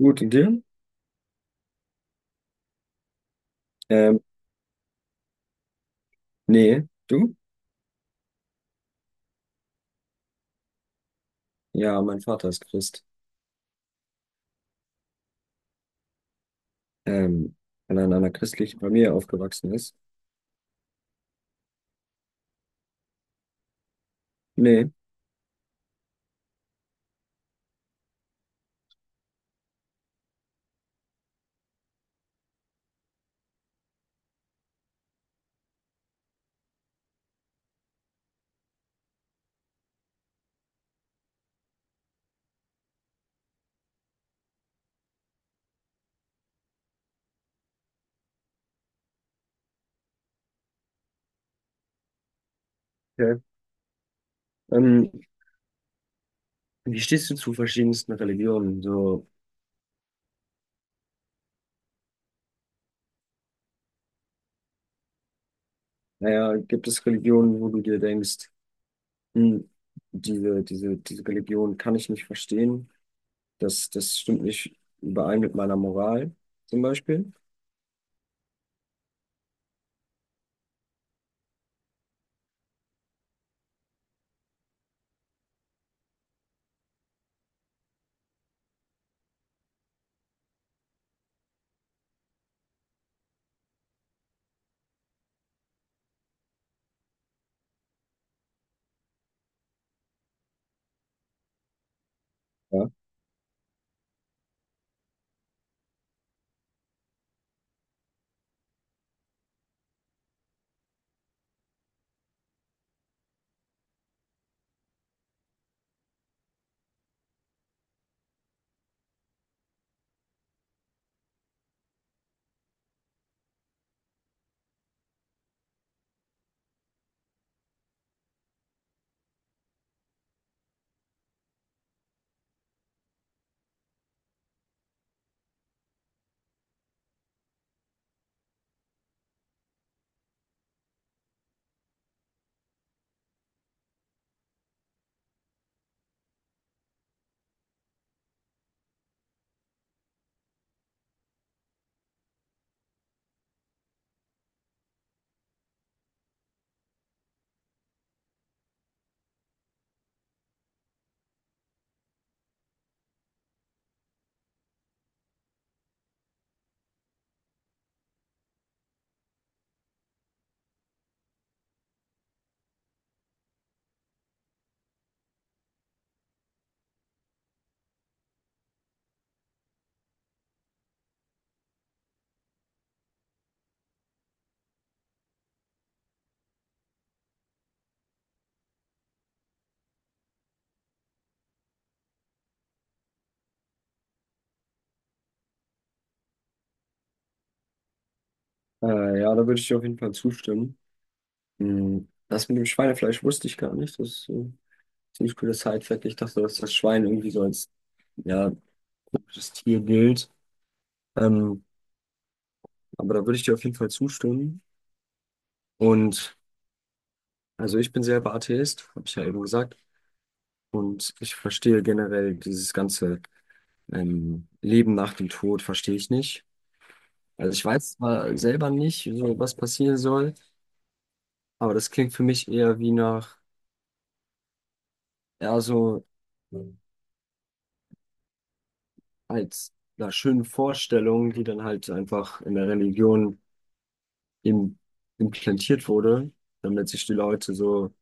Gut, und dir? Ähm, Nee, du? Ja, mein Vater ist Christ. Ähm, Weil er in einer christlichen Familie aufgewachsen ist. Nee. Okay. Ähm, Wie stehst du zu verschiedensten Religionen? So, naja, gibt es Religionen, wo du dir denkst, hm, diese Religion kann ich nicht verstehen. Das stimmt nicht überein mit meiner Moral, zum Beispiel. Ja. Ja, da würde ich dir auf jeden Fall zustimmen. Das mit dem Schweinefleisch wusste ich gar nicht. Ziemlich cooles Sidefact. Ich dachte, dass das Schwein irgendwie so als ja, gutes Tier gilt. Ähm, aber da würde ich dir auf jeden Fall zustimmen. Und also ich bin selber Atheist, habe ich ja eben gesagt. Und ich verstehe generell dieses ganze Leben nach dem Tod, verstehe ich nicht. Also ich weiß zwar selber nicht, so was passieren soll, aber das klingt für mich eher wie nach, eher so als einer schönen Vorstellung, die dann halt einfach in der Religion im, implantiert wurde, damit sich die Leute so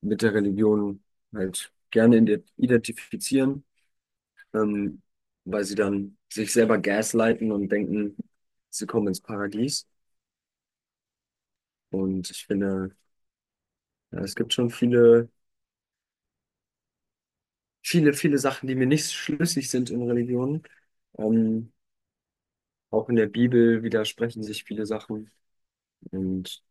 mit der Religion halt gerne identifizieren, ähm, weil sie dann sich selber gaslighten und denken, sie kommen ins Paradies. Und ich finde, ja, es gibt schon viele, viele, viele Sachen, die mir nicht schlüssig sind in Religionen. Ähm, Auch in der Bibel widersprechen sich viele Sachen. Und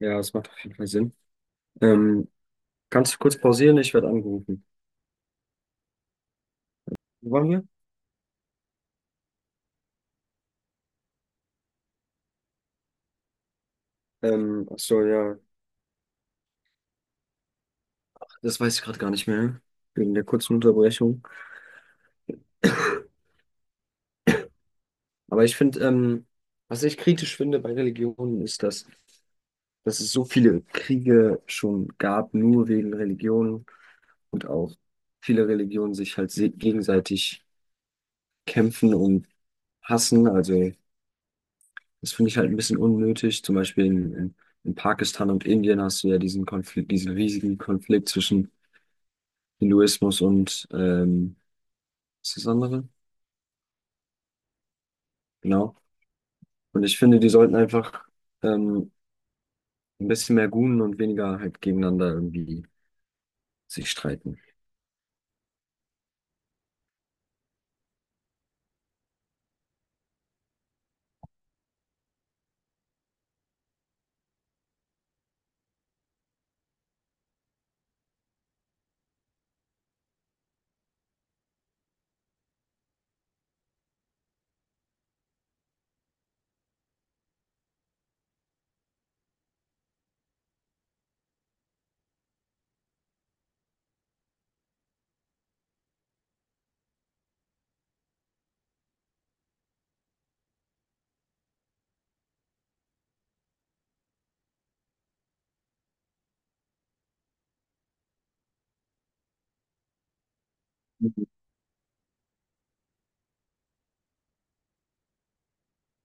ja, es macht auf jeden Fall Sinn. Ähm, Kannst du kurz pausieren? Ich werde angerufen. Wo waren wir? Ach so, ja. Das weiß ich gerade gar nicht mehr, wegen der kurzen Unterbrechung. Aber ich finde, was ich kritisch finde bei Religionen, ist, dass, es so viele Kriege schon gab, nur wegen Religionen, und auch viele Religionen sich halt gegenseitig kämpfen und hassen. Also das finde ich halt ein bisschen unnötig. Zum Beispiel in Pakistan und Indien hast du ja diesen Konflikt, diesen riesigen Konflikt zwischen Hinduismus und was ist das andere? Genau. Und ich finde, die sollten einfach ähm, Ein bisschen mehr Gun und weniger halt gegeneinander irgendwie sich streiten.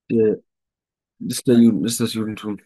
Äh, Ist das Judentum.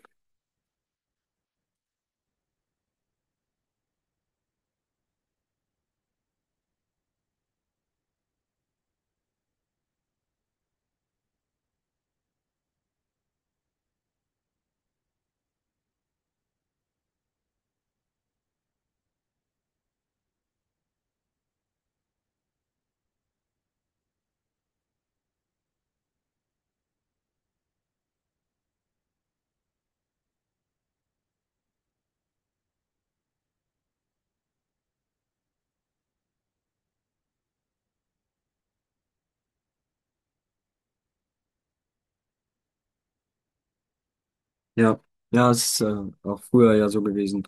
Ja, ja, es ist auch früher ja so gewesen,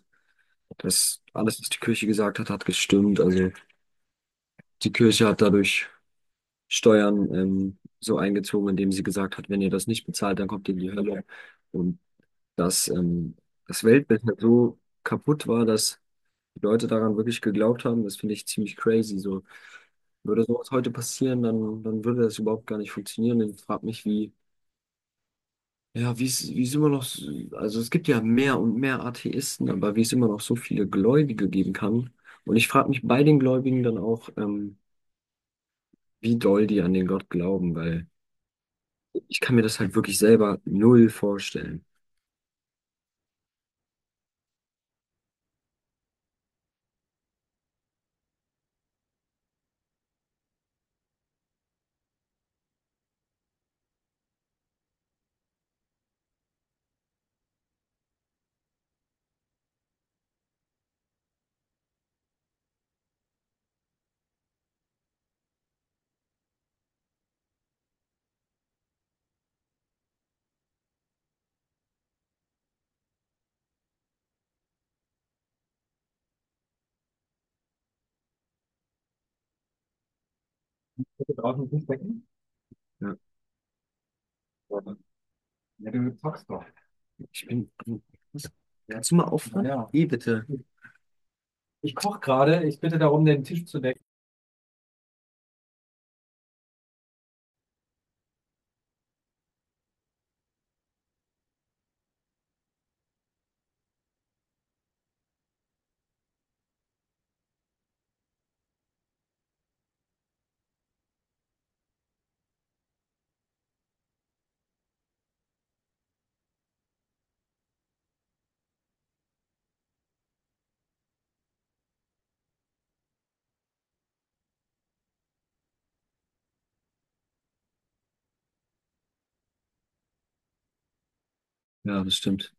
dass alles, was die Kirche gesagt hat, hat gestimmt. Also die Kirche hat dadurch Steuern so eingezogen, indem sie gesagt hat, wenn ihr das nicht bezahlt, dann kommt ihr in die Hölle. Und dass das Weltbild halt so kaputt war, dass die Leute daran wirklich geglaubt haben, das finde ich ziemlich crazy. So, würde sowas heute passieren, dann würde das überhaupt gar nicht funktionieren. Und ich frage mich, ja, wie es immer noch, also es gibt ja mehr und mehr Atheisten, aber wie es immer noch so viele Gläubige geben kann. Und ich frage mich bei den Gläubigen dann auch, wie doll die an den Gott glauben, weil ich kann mir das halt wirklich selber null vorstellen. Du Draußen Fußbecken? Ja, ja, du zockst doch. ich bin, Kannst du mal aufhören? Ja. Eh, bitte. Ich koche gerade. Ich bitte darum, den Tisch zu decken. Ja, das stimmt.